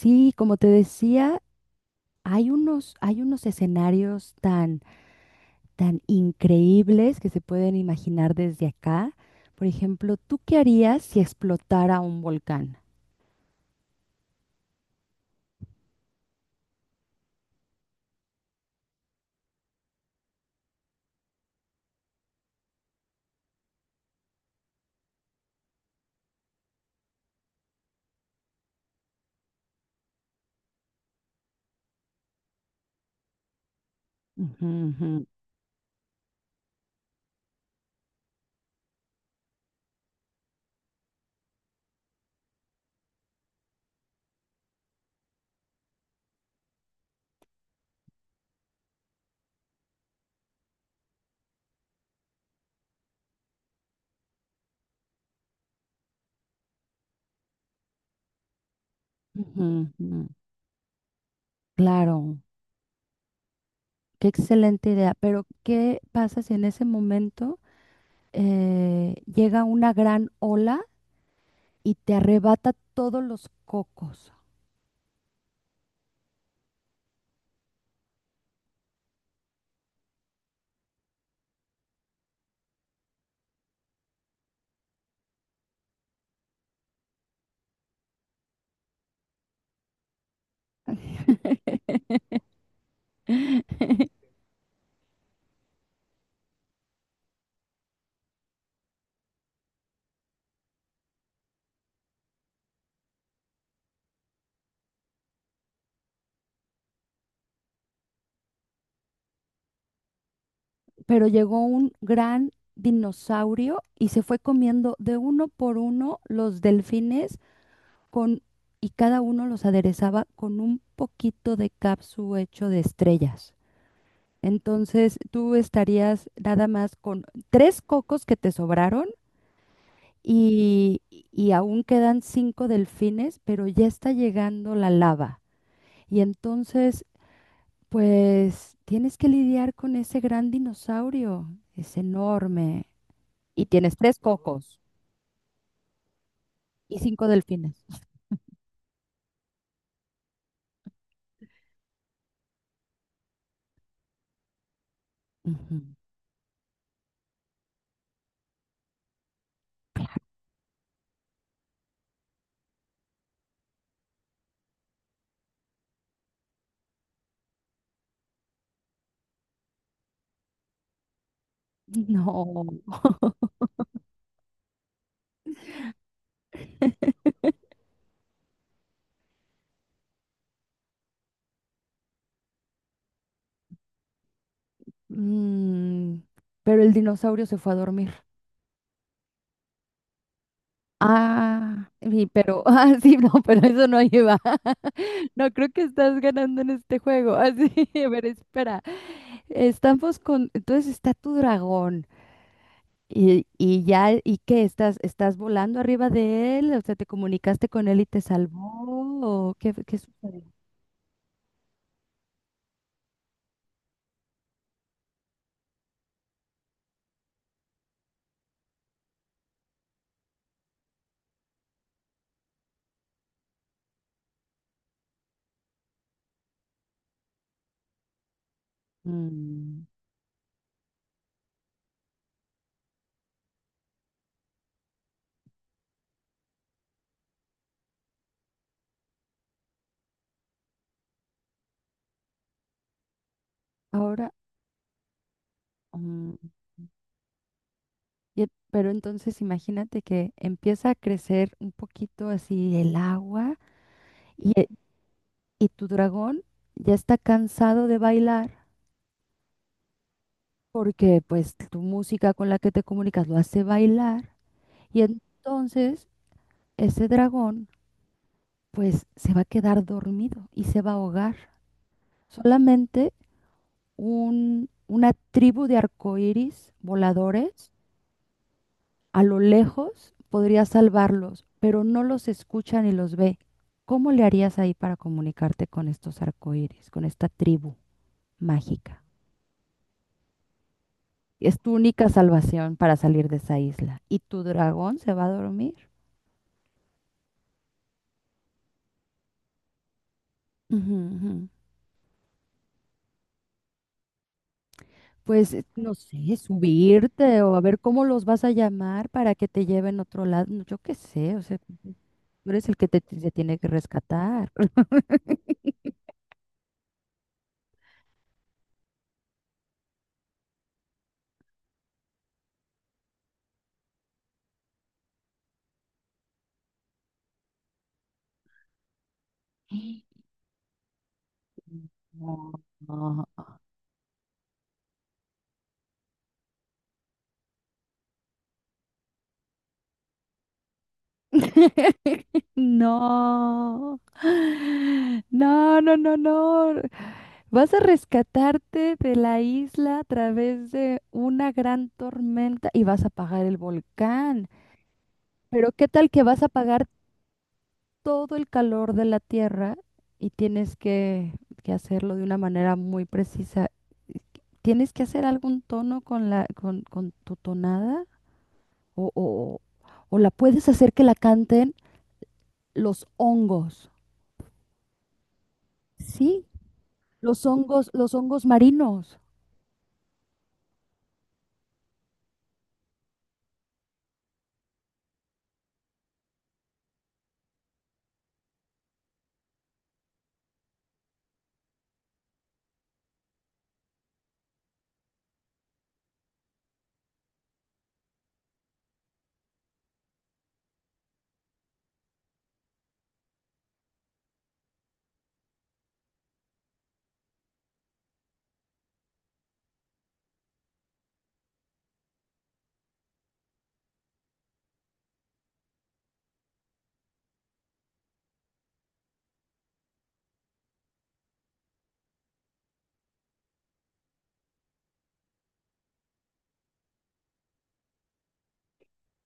Sí, como te decía, hay unos escenarios tan increíbles que se pueden imaginar desde acá. Por ejemplo, ¿tú qué harías si explotara un volcán? Ujú, ujú, ujú. Claro, qué excelente idea. Pero, ¿qué pasa si en ese momento llega una gran ola y te arrebata todos los cocos? Pero llegó un gran dinosaurio y se fue comiendo de uno por uno los delfines con, y cada uno los aderezaba con un poquito de capsu hecho de estrellas. Entonces tú estarías nada más con tres cocos que te sobraron y aún quedan cinco delfines, pero ya está llegando la lava. Y entonces, pues, tienes que lidiar con ese gran dinosaurio. Es enorme, y tienes tres cocos y cinco delfines. Ujú. No. Mm, pero el dinosaurio se fue a dormir. Ah, sí, pero ah, sí, no, pero eso no lleva. No creo que estás ganando en este juego. Así, a ver, espera. Estamos con, entonces está tu dragón y ya, ¿y qué? ¿Estás volando arriba de él? O sea, ¿te comunicaste con él y te salvó? ¿O qué, qué sucedió? Mm, Ahora. Mm, pero entonces imagínate que empieza a crecer un poquito así el agua y, e- y tu dragón ya está cansado de bailar porque pues tu música con la que te comunicas lo hace bailar y entonces ese dragón pues se va a quedar dormido y se va a ahogar. Solamente una tribu de arcoíris voladores a lo lejos podría salvarlos, pero no los escucha ni los ve. ¿Cómo le harías ahí para comunicarte con estos arcoíris, con esta tribu mágica? Es tu única salvación para salir de esa isla. ¿Y tu dragón se va a dormir? Ujú, ujú. Pues no sé, subirte o a ver cómo los vas a llamar para que te lleven a otro lado. No, yo qué sé, o sea, tú eres el que te tiene que rescatar. No, no. No, no, no, no, no. Vas a rescatarte de la isla a través de una gran tormenta y vas a apagar el volcán. Pero ¿qué tal que vas a apagar todo el calor de la Tierra y tienes que hacerlo de una manera muy precisa? ¿Tienes que hacer algún tono con con tu tonada? ¿O, o, o la puedes hacer que la canten los hongos? Sí, los hongos marinos.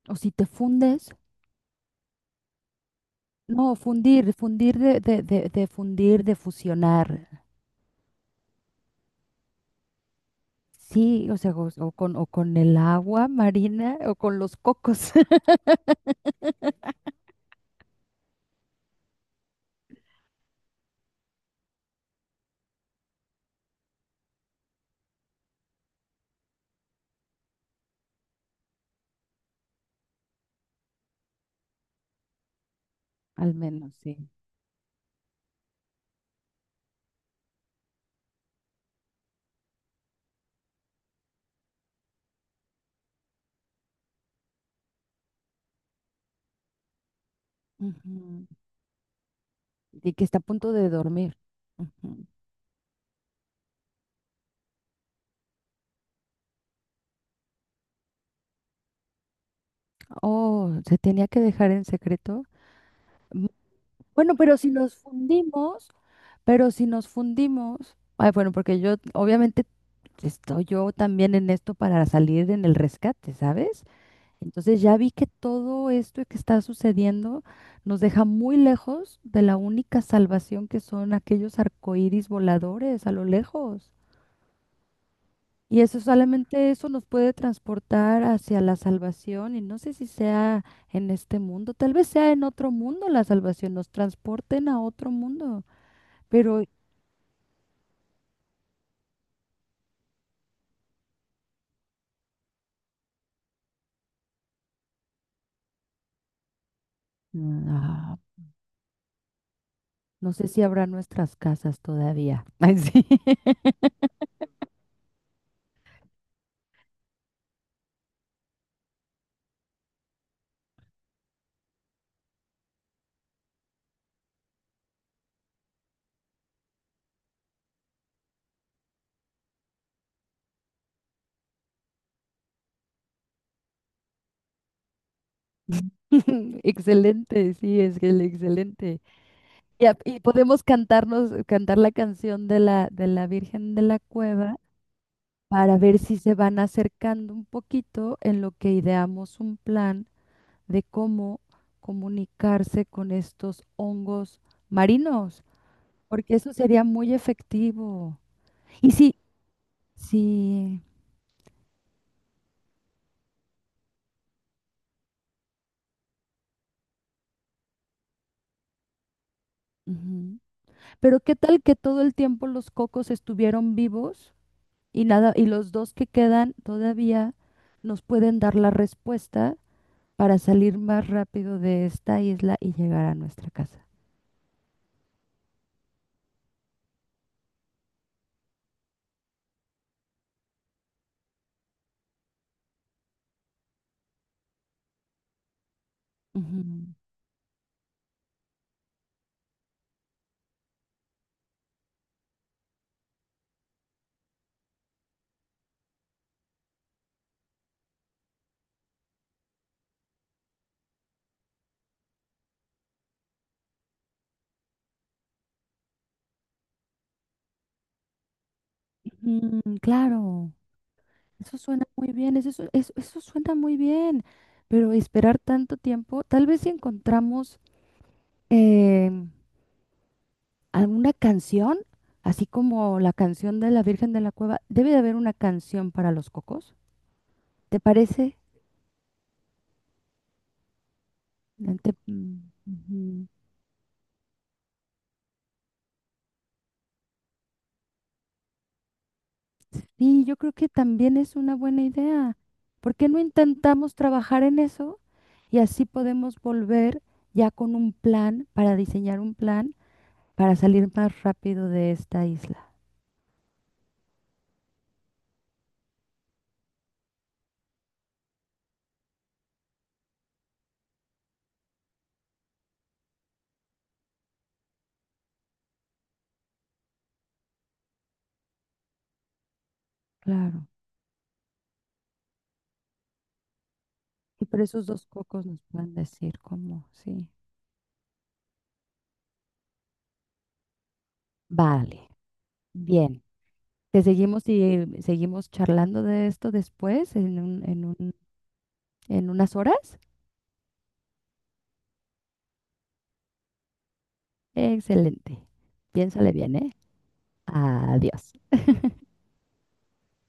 O si te fundes, no, fundir, fundir de fundir, de fusionar. Sí, o sea, o con el agua marina o con los cocos, al menos, sí. Ujú. Y que está a punto de dormir. Ujú. Oh, se tenía que dejar en secreto. Bueno, pero si nos fundimos, ay, bueno, porque yo obviamente estoy yo también en esto para salir en el rescate, ¿sabes? Entonces ya vi que todo esto que está sucediendo nos deja muy lejos de la única salvación que son aquellos arcoíris voladores a lo lejos. Y eso solamente eso nos puede transportar hacia la salvación y no sé si sea en este mundo, tal vez sea en otro mundo la salvación, nos transporten a otro mundo. Pero ah, no sé si habrá nuestras casas todavía. Ay, sí. Excelente, sí, es que el excelente. Y, a- y podemos cantarnos, cantar la canción de de la Virgen de la Cueva para ver si se van acercando un poquito en lo que ideamos un plan de cómo comunicarse con estos hongos marinos, porque eso sería muy efectivo. Y sí, sí. Pero ¿qué tal que todo el tiempo los cocos estuvieron vivos y nada, y los dos que quedan todavía nos pueden dar la respuesta para salir más rápido de esta isla y llegar a nuestra casa? Ujú. Ujú, claro, eso suena muy bien, eso suena muy bien, pero esperar tanto tiempo, tal vez si encontramos em, alguna canción, así como la canción de la Virgen de la Cueva, debe de haber una canción para los cocos, ¿te parece? Lente, mm, ujú. Y yo creo que también es una buena idea. ¿Por qué no intentamos trabajar en eso? Y así podemos volver ya con un plan para diseñar un plan para salir más rápido de esta isla. Claro. Y por esos dos cocos nos pueden decir cómo, sí. Vale, bien. Te seguimos y seguimos charlando de esto después en unas horas. Excelente. Piénsale bien, ¿eh? Adiós.